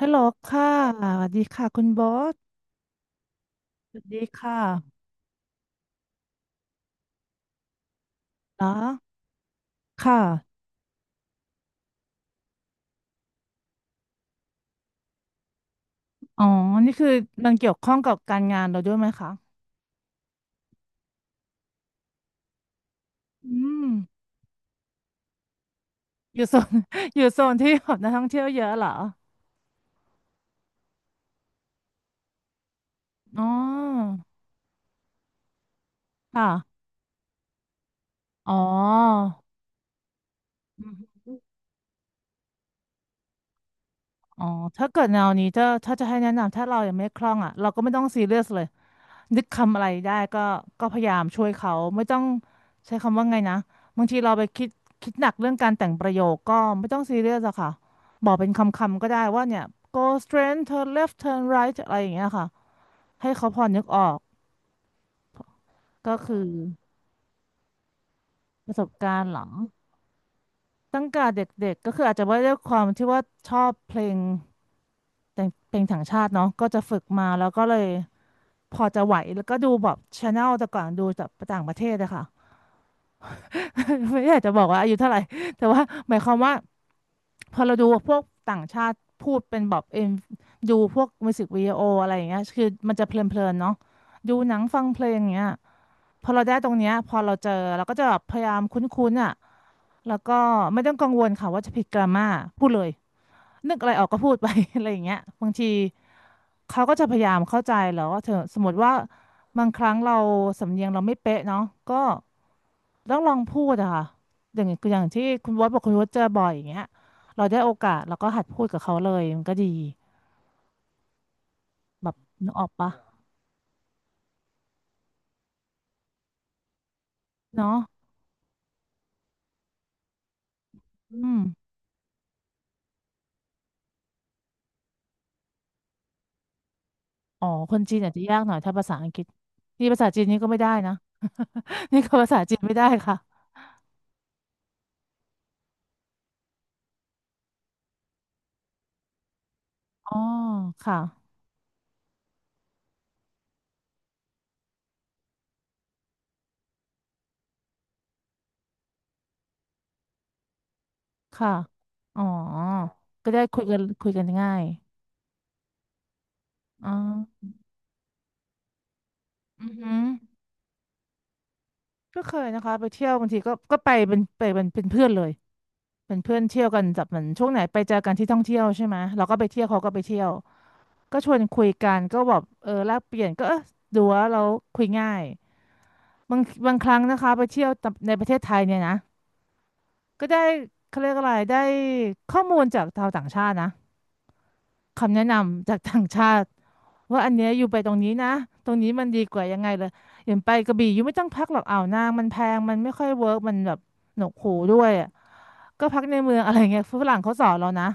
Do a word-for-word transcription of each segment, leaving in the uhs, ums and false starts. ฮัลโหลค่ะสวัสดีค่ะคุณบอสสวัสดีค่ะเหรอค่ะ อ๋อ นี่คือมันเกี่ยวข้องกับการงานเราด้วยไหมคะ อืม อยู่โซน อยู่โซนที่แบบนักท่องเที่ยวเยอะเหรออ๋อ ค่ะ อ๋ออืมอ๋อ ถ้าเกิดแนวนี้ถ้าถ้าจะให้แนะนำถ้าเรายังไม่คล่องอ่ะ เราก็ไม่ต้องซีเรียสเลย นึกคำอะไรได้ก็ก็พยายามช่วยเขาไม่ต้องใช้คำว่าไงนะบางทีเราไปคิดคิดหนักเรื่องการแต่งประโยคก็ไม่ต้องซีเรียสอะค่ะบอกเป็นคำๆก็ได้ว่าเนี่ย โก สเตรท เทิร์น เลฟต์ เทิร์น ไรต์ อะไรอย่างเงี้ยค่ะให้เขาพอนึกออกก็คือประสบการณ์หลังตั้งแต่เด็กๆก็คืออาจจะว่าด้วยความที่ว่าชอบเพลงแต่งเพลงถังชาติเนาะก็จะฝึกมาแล้วก็เลยพอจะไหวแล้วก็ดูแบบชาแนลแต่ก่อนดูจากต่างประเทศอะค่ะ ไม่อยากจะบอกว่าอายุเท่าไหร่ แต่ว่าหมายความว่าพอเราดูพวกต่างชาติพูดเป็นแบบเอ็มดูพวกมิวสิกวิดีโออะไรอย่างเงี้ยคือมันจะเพลินๆเนาะดูหนังฟังเพลงอย่างเงี้ยพอเราได้ตรงเนี้ยพอเราเจอเราก็จะแบบพยายามคุ้นๆอ่ะแล้วก็ไม่ต้องกังวลค่ะว่าจะผิดกราม่าพูดเลยนึกอะไรออกก็พูดไป อะไรอย่างเงี้ยบางทีเขาก็จะพยายามเข้าใจแล้วว่าเธอสมมติว่าบางครั้งเราสำเนียงเราไม่เป๊ะเนาะก็ ต้องลองพูดอะค่ะอย่างอย่างที่คุณวอดบอกคุณวอดเจอบ่อยอย่างเงี้ยเราได้โอกาสเราก็หัดพูดกับเขาเลยมันก็ดีแบบนึกออกปะเนาะอืมอ๋อคนจีนอาจจะยากหน่อยถ้าภาษาอังกฤษนี่ภาษาจีนนี่ก็ไม่ได้นะ นี่ก็ภาษาจีนไม่ได้ค่ะอ๋อค่ะค่ะอ๋อก็ได้คุยกันคุยกันง่ายอ๋ออือหือก็เคยนะคะไปเที่ยวบางทีก็ก็ไปเป็นไปเป็นเป็นเพื่อนเลย เป็นเพื่อนเที่ยวกันแบบเหมือนช่วงไหนไปเจอกันที่ท่องเที่ยวใช่ไหมเราก็ไปเที่ยวเขาก็ไปเที่ยวก็ชวนคุยกันก็แบบเออแลกเปลี่ยนก็เออดูว่าเราคุยง่ายบางบางครั้งนะคะไปเที่ยวในประเทศไทยเนี่ยนะก็ได้เขาเรียกอะไรได้ข้อมูลจากชาวต่างชาตินะคำแนะนำจากต่างชาติว่าอันเนี้ยอยู่ไปตรงนี้นะตรงนี้มันดีกว่ายังไงเลยอย่างไปกระบี่ยูไม่ต้องพักหรอกอ่าวนางมันแพงมันไม่ค่อยเวิร์กมันแบบหนวกหูด้วยอะก็พักในเมืองอะไรเงี้ยฝรั่งเขาสอนเรานะ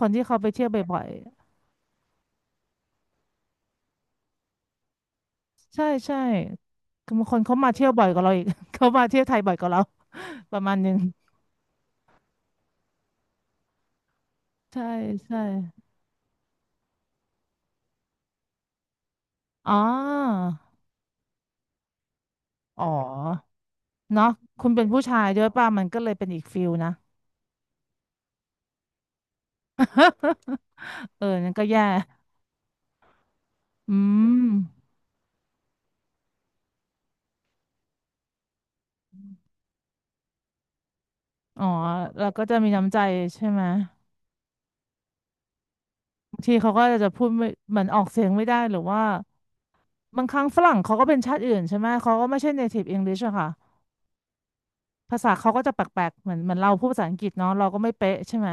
คนที่เขาไปเที่ยวบ่อยๆใช่ใช่คือบางคนเขามาเที่ยวบ่อยกว่าเราอีก เขามาเที่ยวไทยบ่อยกว่าเราประมาณหนึงใช่ใช่อ๋ออ๋อเนาะคุณเป็นผู้ชายด้วยป่ะมันก็เลยเป็นอีกฟิลนะ เออนั่นก็แย่อืมอ๋อเราก็จะมีน้ำใจใช่ไหมบางทีเขาก็จะพูดไม่เหมือนออกเสียงไม่ได้หรือว่า บางครั้งฝรั่งเขาก็เป็นชาติอื่นใช่ไหมเขาก็ไม่ใช่ เนทีฟ อิงลิช อะค่ะ ภาษาเขาก็จะแปลกๆเหมือนเหมือนเราพูดภาษาอังกฤษเนาะเราก็ไม่เป๊ะใช่ไหม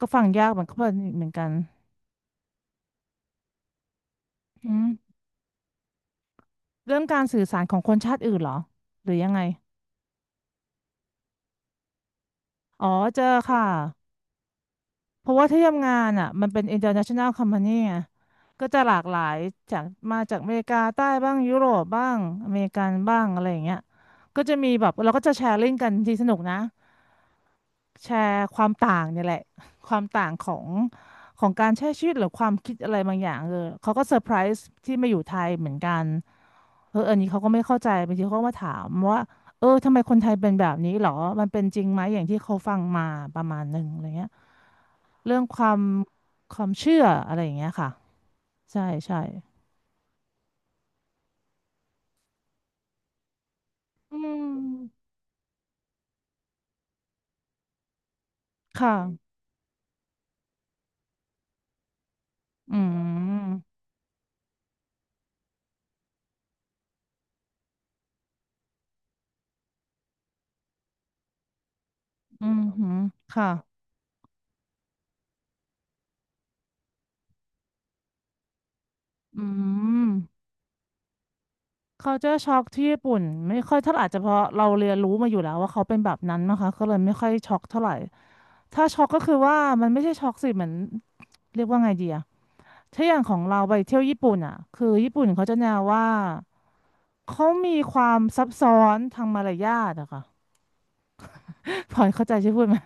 ก็ฟังยากเหมือนกันเหมือนกันอืมเรื่องการสื่อสารของคนชาติอื่นเหรอหรือยังไงอ๋อเจอค่ะเพราะว่าที่ทำงานอ่ะมันเป็น อินเตอร์เนชันแนล คอมพานี ไงก็จะหลากหลายจากมาจากอเมริกาใต้บ้างยุโรปบ้างอเมริกันบ้างอะไรอย่างเงี้ยก็จะมีแบบเราก็จะแชร์ลิงก์กันทีสนุกนะ แชร์ความต่างเนี่ยแหละ ความต่างของของการใช้ชีวิตหรือความคิดอะไรบางอย่างเออเขาก็เซอร์ไพรส์ที่มาอยู่ไทยเหมือนกันเอออันนี้เขาก็ไม่เข้าใจบางทีเขาก็มาถามว่าเออทำไมคนไทยเป็นแบบนี้หรอมันเป็นจริงไหมอย่างที่เขาฟังมาประมาณหนึ่งอะไรเงี้ยเรื่องความความเชื่ออะไรอย่างเงี้ยค่ะใช่ใช่อืมค่ะอืมอืมหืมค่ะอืม คัลเจอร์ ช็อก ที่ญี่ปุ่นไม่ค่อยเท่าไหร่อาจจะเพราะเราเรียนรู้มาอยู่แล้วว่าเขาเป็นแบบนั้นนะคะก็เลยไม่ค่อยช็อกเท่าไหร่ถ้าช็อกก็คือว่ามันไม่ใช่ช็อกสิเหมือนเรียกว่าไงดีอะถ้าอย่างของเราไปเที่ยวญี่ปุ่นอะคือญี่ปุ่นเขาจะแนวว่าเขามีความซับซ้อนทางมารยาทอะค่ะ พลอยเข้าใจใช่พูดไหม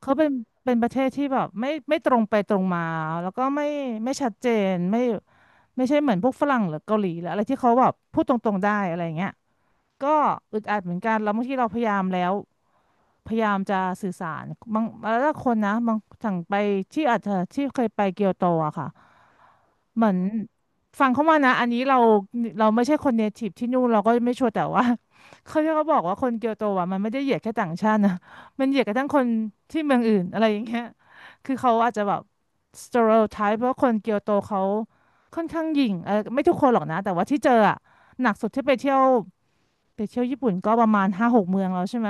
เขาเป็นเป็นประเทศที่แบบไม่ไม่ตรงไปตรงมาแล้วก็ไม่ไม่ชัดเจนไม่ไม่ใช่เหมือนพวกฝรั่งหรือเกาหลีหรืออะไรที่เขาแบบพูดตรงๆได้อะไรอย่างเงี้ย ก็อึดอัดเหมือนกันแล้วบางทีเราพยายามแล้วพยายามจะสื่อสารบางแล้วถ้าคนนะบางสั่งไปที่อาจจะที่เคยไปเกียวโตอะค่ะเหมือนฟังเขามานะอันนี้เราเราไม่ใช่คนเนทีฟที่นู่นเราก็ไม่ชัวร์แต่ว่า เขาที่เขาบอกว่าคนเกียวโตอะมันไม่ได้เหยียดแค่ต่างชาตินะมันเหยียดกระทั่งคนที่เมืองอื่นอะไรอย่างเงี้ยคือเขาอาจจะแบบสเตอริโอไทป์เพราะคนเกียวโตเขาค่อนข้างหยิ่งเออไม่ทุกคนหรอกนะแต่ว่าที่เจออะหนักสุดที่ไปเที่ยว ไปเที่ยวญี่ปุ่นก็ประมาณห้าหกเมืองแล้วใช่ไหม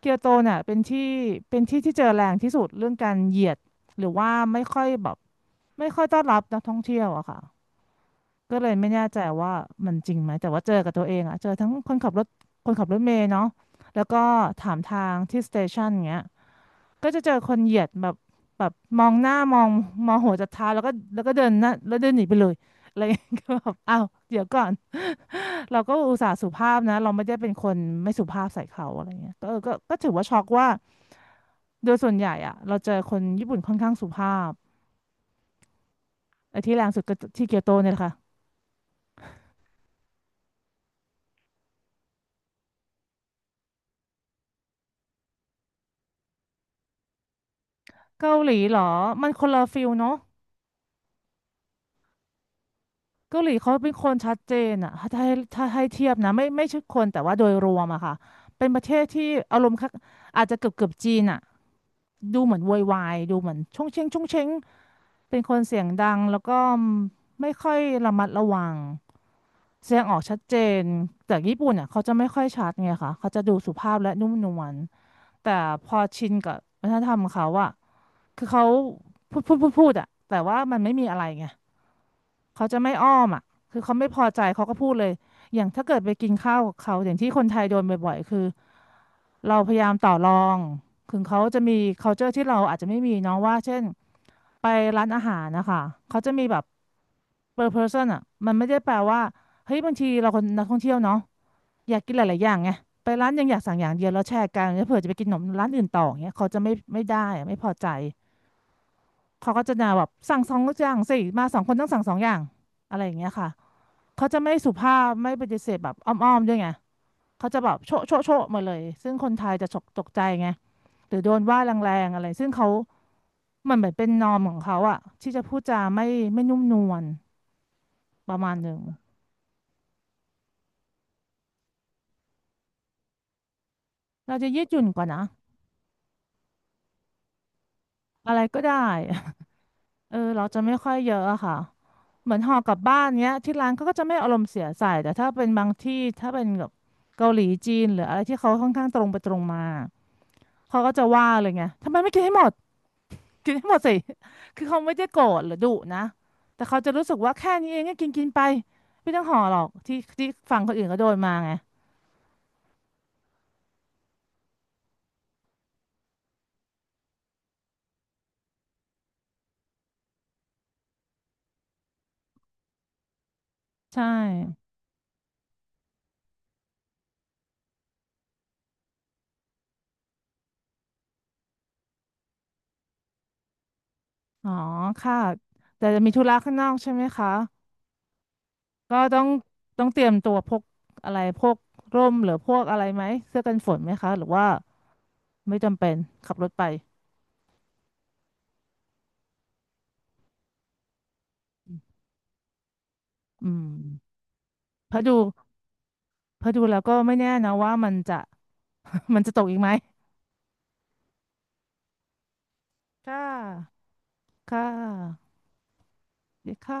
เกียวโตเนี่ยเป็นที่เป็นที่ที่เจอแรงที่สุดเรื่องการเหยียดหรือว่าไม่ค่อยแบบไม่ค่อยต้อนรับนักท่องเที่ยวอะค่ะก็เลยไม่แน่ใจว่ามันจริงไหมแต่ว่าเจอกับตัวเองอะเจอทั้งคนขับรถคนขับรถเมล์เนาะแล้วก็ถามทางที่สเตชันเงี้ยก็จะเจอคนเหยียดแบบแบบมองหน้ามองมองหัวจะท้ายแล้วก็แล้วก็เดินหนะแล้วเดินหนีไปเลยอะไรอย่างเงี้ย ก็แบบอ้าวเดี๋ยวก่อน เราก็อุตส่าห์สุภาพนะเราไม่ได้เป็นคนไม่สุภาพใส่เขาอะไรเงี้ยก็เออก็ก็ถือว่าช็อกว่าโดยส่วนใหญ่อะเราเจอคนญี่ปุ่นค่อนข้างสุภาพไอ้ที่แรงสุดก็ที่เกียวโตเนี่ยแหละค่ะเกาหลีเหรอมันคนละฟิลเนาะเกาหลีเขาเป็นคนชัดเจนอะถ้าถ้าให้ถ้าให้เทียบนะไม่ไม่ใช่คนแต่ว่าโดยรวมอะค่ะเป็นประเทศที่อารมณ์คล้ายอาจจะเกือบเกือบจีนอะดูเหมือนโวยวายดูเหมือนชงเชงชงเชงเป็นคนเสียงดังแล้วก็ไม่ค่อยระมัดระวัง แสดงออกชัดเจนแต่ญี่ปุ่นอ่ะเขาจะไม่ค่อยชัดไงคะเขาจะดูสุภาพและนุ่มนวลแต่พอชินกับวัฒนธรรมเขาอ่ะคือเขาพูดพูดพูดพูดอ่ะแต่ว่ามันไม่มีอะไรไงเขาจะไม่อ้อมอ่ะคือเขาไม่พอใจเขาก็พูดเลยอย่างถ้าเกิดไปกินข้าวกับเขาอย่างที่คนไทยโดนบ่อยๆคือเราพยายามต่อรองถึงเขาจะมี culture ที่เราอาจจะไม่มีเนาะว่าเช่นไปร้านอาหารนะคะเขาจะมีแบบ per person อ่ะมันไม่ได้แปลว่าเฮ้ยบางทีเราคนนักท่องเที่ยวเนาะ อยากกินหลายๆอย่างไงไปร้านยังอยากสั่งอย่างเดียวแล้วแชร์กันแล้วเผื่อจะไปกินขนมร้านอื่นต่ออย่างเงี้ยเขาจะไม่ไม่ได้อะไม่พอใจเขาก็จะด่าแบบสั่งสองอย่างสิมาสองคนต้องสั่งสองอย่างอะไรอย่างเงี้ยค่ะเขาจะไม่สุภาพไม่ปฏิเสธแบบอ้อมๆด้วยไงเขาจะแบบโชะโชะโชะมาเลยซึ่งคนไทยจะฉกตกใจไงหรือโดนว่าแรงๆอะไรซึ่งเขามันเหมือนเป็นนอร์มของเขาอะที่จะพูดจาไม่ไม่นุ่มนวลประมาณหนึ่งเราจะยืดหยุ่นกว่านะอะไรก็ได้ เออเราจะไม่ค่อยเยอะอะค่ะเหมือนห่อกลับบ้านเนี้ยที่ร้านเขาก็จะไม่อารมณ์เสียใส่แต่ถ้าเป็นบางที่ถ้าเป็นแบบเกาหลีจีนหรืออะไรที่เขาค่อนข้างตรงไปตรงมาเขาก็จะว่าเลยไงทำไมไม่กินให้หมดกินให้หมดสิ คือเขาไม่ได้โกรธหรือดุนะแต่เขาจะรู้สึกว่าแค่นี้เองก็กินกินไปไม่ต้องห่อหรอกที่ที่ฝั่งคนอื่นก็โดนมาไงใช่อ๋อค่ะแต่จะมีธุระข้างนอกใช่ไหมคะ ก็ต้องต้องเตรียมตัวพกอะไรพกร่มหรือพวกอะไรไหมเสื้อกันฝนไหมคะหรือว่าไม่จำเป็นขับรถไปอืมเพราะดูเพราะดูแล้วก็ไม่แน่นะว่ามันจะ มันจะตกอีกไหมค่ะค่ะดีค่ะ